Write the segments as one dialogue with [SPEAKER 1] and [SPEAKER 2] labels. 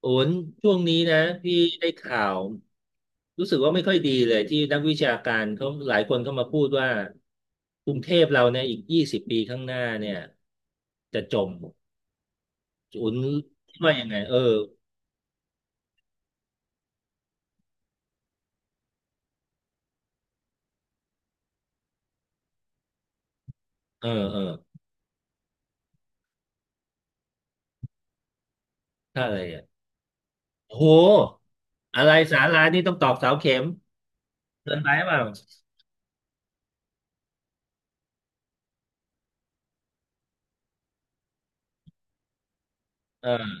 [SPEAKER 1] โอนช่วงนี้นะพี่ได้ข่าวรู้สึกว่าไม่ค่อยดีเลยที่นักวิชาการเขาหลายคนเข้ามาพูดว่ากรุงเทพเราเนี่ยอีก20 ปีข้างหน้าเนี่ยจะจมโอนคิดว่ายังไงเออเออเออถ้าอะไรอ่ะโอ้โหอะไรสารานี่ต้องตอกเสาเข็มเกินไปเปล่าเออ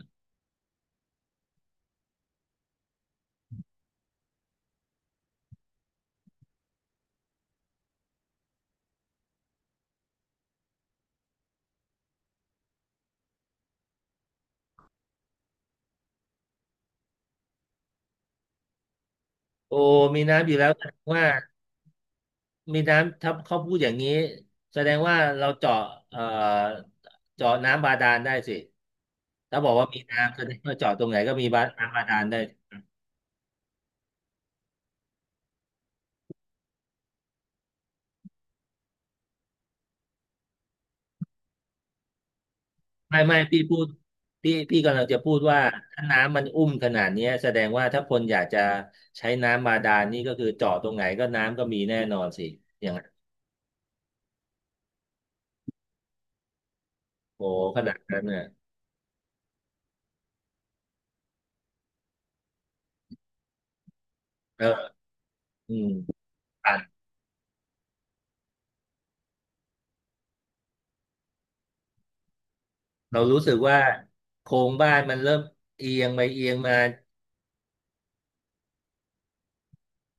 [SPEAKER 1] โอ้มีน้ำอยู่แล้วแสดงว่ามีน้ำถ้าเขาพูดอย่างนี้แสดงว่าเราเจาะเอ่อเจาะน้ำบาดาลได้สิ ถ้าบอกว่ามีน้ำแสดงว่าเจาะตรงไหนก็มีบาน้ำบาดาลได้ไม่พี่พูดพี่กำลังจะพูดว่าถ้าน้ำมันอุ้มขนาดเนี้ยแสดงว่าถ้าคนอยากจะใช้น้ำบาดาลนี่ก็คือเจาะตรงไหนก็น้ำก็มีแน่นอนสิอย่างนั้นโอ้ขนาดนั้นเนี่ยเอออืมอ่ะเรารู้สึกว่าโครงบ้านมันเริ่มเอียงไปเอียงมา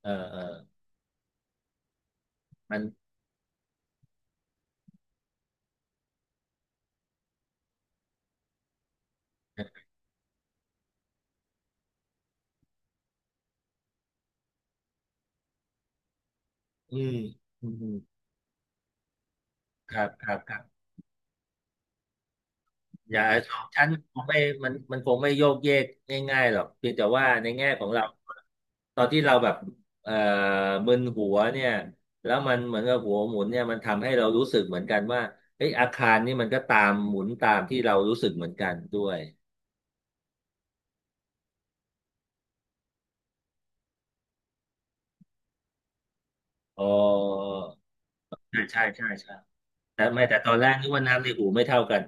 [SPEAKER 1] เออเออมันอืมอืมครับครับครับ อย่าชั้นคงไม่มันคงไม่โยกเยกง่ายๆหรอกเพียงแต่ว่าในแง่ของเราตอนที่เราแบบเอ่อมึนหัวเนี่ยแล้วมันเหมือนกับหัวหมุนเนี่ยมันทำให้เรารู้สึกเหมือนกันว่าเอ้ยอาคารนี่มันก็ตามหมุนตามที่เรารู้สึกเหมือนกันด้วยอ๋อใช่ใช่ใช่ใช่แต่ไม่แต่ตอนแรกนึกว่าน้ำในหูไม่เท่ากัน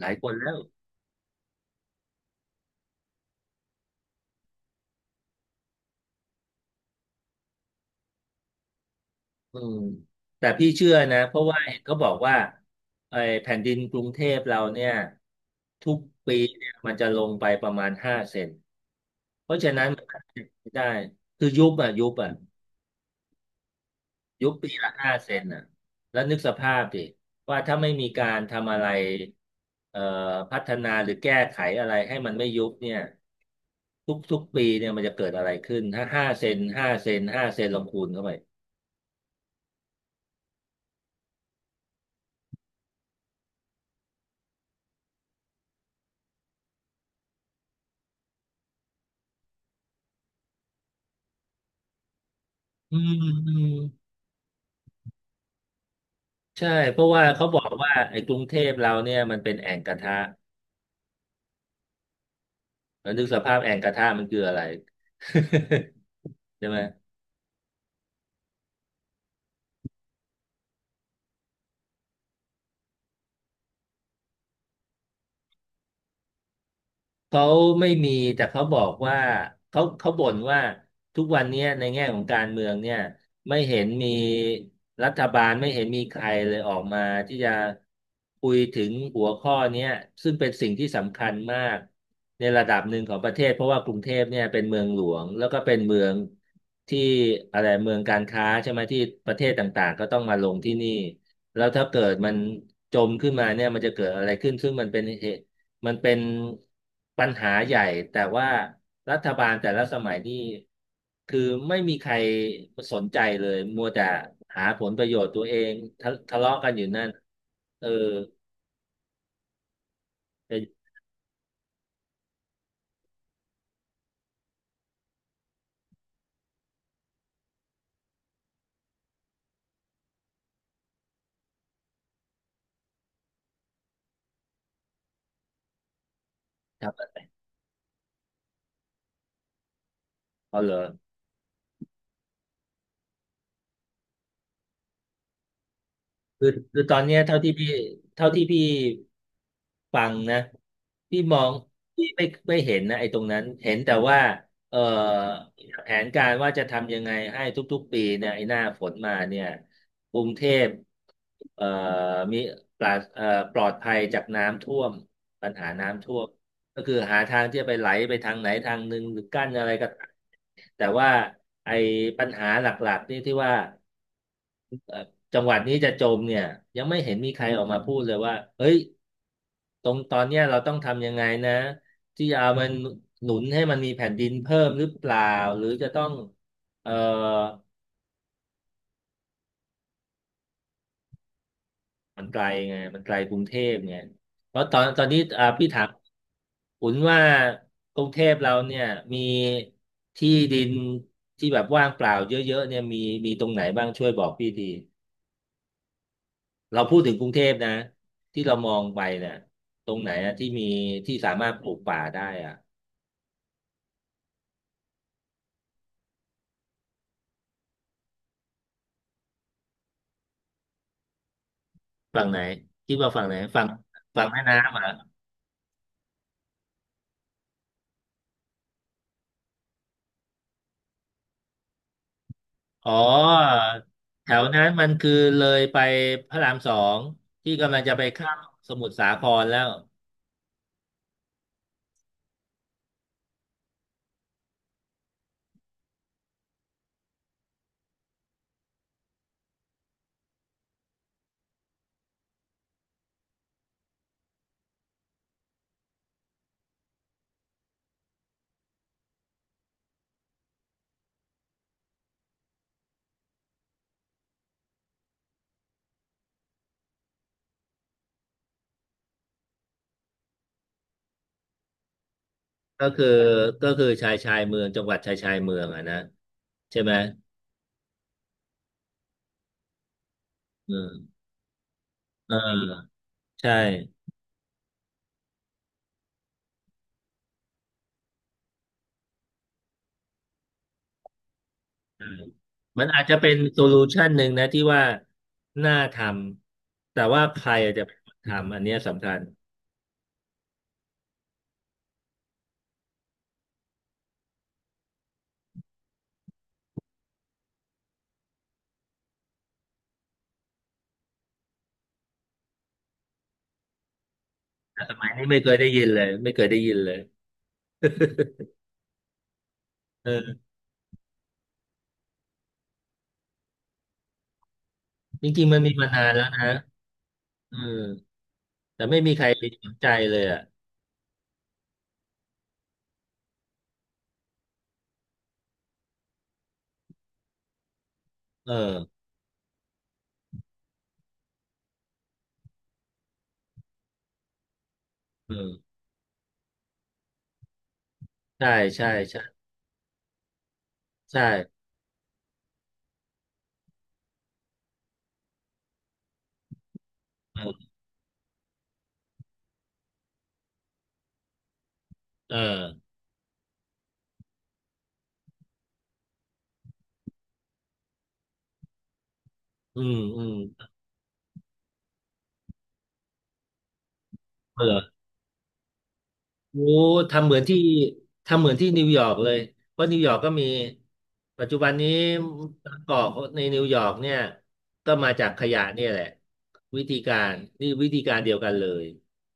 [SPEAKER 1] หลายคนแล้ว อืมแต่พี่เชื่อนะเพราะว่าเห็นเขาบอกว่าไอ้แผ่นดินกรุงเทพเราเนี่ยทุกปีเนี่ยมันจะลงไปประมาณห้าเซนเพราะฉะนั้นมันอาจจะไม่ได้คือยุบอ่ะยุบอ่ะยุบปีละห้าเซนอ่ะแล้วนึกสภาพดิว่าถ้าไม่มีการทำอะไรเอ่อพัฒนาหรือแก้ไขอะไรให้มันไม่ยุบเนี่ยทุกปีเนี่ยมันจะเกิดอะไรขึ้นถ้าห้าเซนห้าเซนห้าเซนลองคูณเข้าไปอืมอืม ใช่เพราะว่าเขาบอกว่าไอ้กรุงเทพเราเนี่ยมันเป็นแอ่งกระทะแล้วนึกสภาพแอ่งกระทะมันคืออะไร ใช่ไหม เขาไม่มีแต่เขาบอกว่าเขาบ่นว่าทุกวันเนี้ยในแง่ของการเมืองเนี่ยไม่เห็นมีรัฐบาลไม่เห็นมีใครเลยออกมาที่จะคุยถึงหัวข้อเนี้ยซึ่งเป็นสิ่งที่สำคัญมากในระดับหนึ่งของประเทศเพราะว่ากรุงเทพเนี่ยเป็นเมืองหลวงแล้วก็เป็นเมืองที่อะไรเมืองการค้าใช่ไหมที่ประเทศต่างๆก็ต้องมาลงที่นี่แล้วถ้าเกิดมันจมขึ้นมาเนี่ยมันจะเกิดอะไรขึ้นซึ่งมันเป็นเหตุ มันเป็นปัญหาใหญ่แต่ว่ารัฐบาลแต่ละสมัยนี่คือไม่มีใครสนใจเลยมัวแต่หาผลประโยชน์ตัวเองทะเลาะกันอยู่นั่นเออจนทำอะไรเอาเหรอ คือคือตอนเนี้ยเท่าที่พี่ฟังนะพี่มอง พี่ไม่ไม่เห็นนะไอ้ตรงนั้น เห็นแต่ว่าเอ่อแผนการว่าจะทำยังไงให้ทุกๆปีเนี่ยไอ้หน้าฝนมาเนี่ยกรุงเทพเอ่อมีปราศปลอดภัยจากน้ำท่วมปัญหาน้ำท่วม ก็คือหาทางที่จะไปไหลไปทางไหนทางหนึ่งหรือกั้นอะไรก็ตามแต่ว่าไอ้ปัญหาหลักๆนี่ที่ว่า จังหวัดนี้จะจมเนี่ยยังไม่เห็นมีใครออกมาพูดเลยว่าเฮ้ยตรงตอนเนี้ยเราต้องทำยังไงนะที่จะเอามันหนุนให้มันมีแผ่นดินเพิ่มหรือเปล่าหรือจะต้องเออมันไกลไงมันไกลกรุงเทพไงเพราะตอนตอนนี้อ่าพี่ถามคุณว่ากรุงเทพเราเนี่ยมีที่ดินที่แบบว่างเปล่าเยอะๆเนี่ยมีมีตรงไหนบ้างช่วยบอกพี่ที เราพูดถึงกรุงเทพนะที่เรามองไปเนี่ยตรงไหนอะที่มีที่สามารถปลูกป่าได้อะฝั่งไหนคิดว่าฝั่งไหนฝั่งแม่น้ำเหรออ๋อแถวนั้นมันคือเลยไปพระราม 2ที่กำลังจะไปเข้าสมุทรสาครแล้วก็คือก็คือชายชายเมืองจังหวัดชายชายเมืองอะนะใช่ไหมเออเออใช่ มันอาจจะเป็นโซลูชันหนึ่งนะที่ว่าน่าทำแต่ว่าใครอาจจะเป็นคนทำอันเนี้ยสำคัญแต่สมัยนี้ไม่เคยได้ยินเลยไม่เคยได้ยินเลย เออจริงๆมันมีมานานแล้วนะเออแต่ไม่มีใครไปสนใจเลยอ่ะเออเออใช่ใช่ใช่ใช่เออเอออืมอืมเออ โอ้ทำเหมือนที่ทำเหมือนที่นิวยอร์กเลยเพราะนิวยอร์กก็มีปัจจุบันนี้บางเกอกในนิวยอร์กเนี่ยก็มาจากขยะเนี่ยแหละวิธีการนี่วิธีการเดียวกันเลย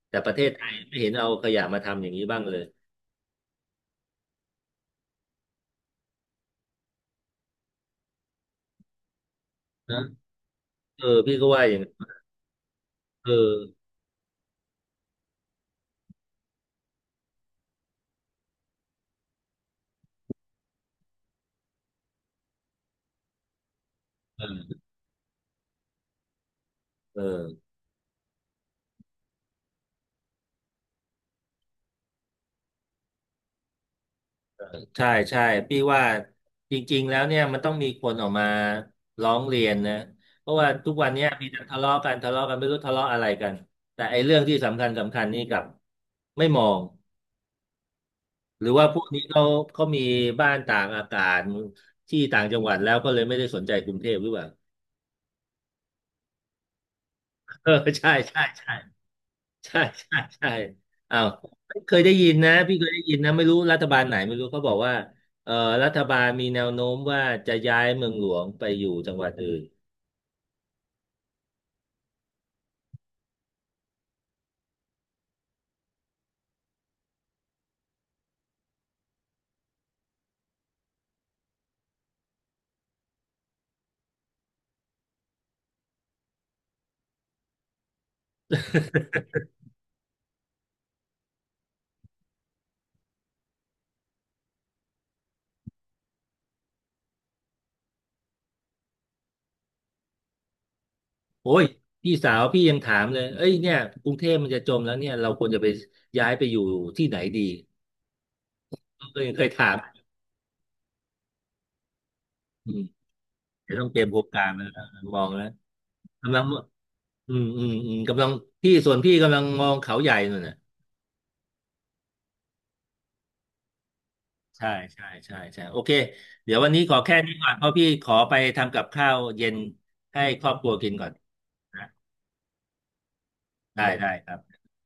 [SPEAKER 1] แต่ประเทศไทยไม่เห็นเอาขยะมาทำอย่างนี้บ้างเลยนะเออพี่ก็ว่าอย่างนั้นเออเออเออ ใช่ใช่พี่ว่าจริงๆแล้วเนี่ยมันต้องมีคนออกมาร้องเรียนนะเพราะว่าทุกวันเนี้ยมีแต่ทะเลาะกันทะเลาะกันไม่รู้ทะเลาะอะไรกันแต่ไอ้เรื่องที่สำคัญสำคัญนี่กลับไม่มองหรือว่าพวกนี้เขามีบ้านต่างอากาศที่ต่างจังหวัดแล้วก็เลยไม่ได้สนใจกรุงเทพหรือเปล่า เออใช่ใช่ใช่ ใช่ใช่ใช่อ้าวเคยได้ยินนะพี่เคยได้ยินนะไม่รู้รัฐบาลไหนไม่รู้เขาบอกว่าเอ่อรัฐบาลมีแนวโน้มว่าจะย้ายเมืองหลวงไปอยู่จังหวัดอื่นโอ้ยพี่สาวพี่ยังถามเลยเอ้ยเนี่ยกรุงเทพมันจะจมแล้วเนี่ยเราควรจะไปย้ายไปอยู่ที่ไหนดีก็ยังเคยถามอืมเดี๋ยวต้องเตรียมโครงการแล้วนะมองแล้วกำลังอืมอืมอืมกำลังพี่ส่วนพี่กำลังมองเขาใหญ่นู่นน่ะ ใช่ใช่ใช่ใช่โอเคเดี๋ยววันนี้ขอแค่นี้ก่อนเพราะพี่ขอไปทำกับข้าวเย็นให้ครอบครัวกินก่อนนะได้ได้ครับ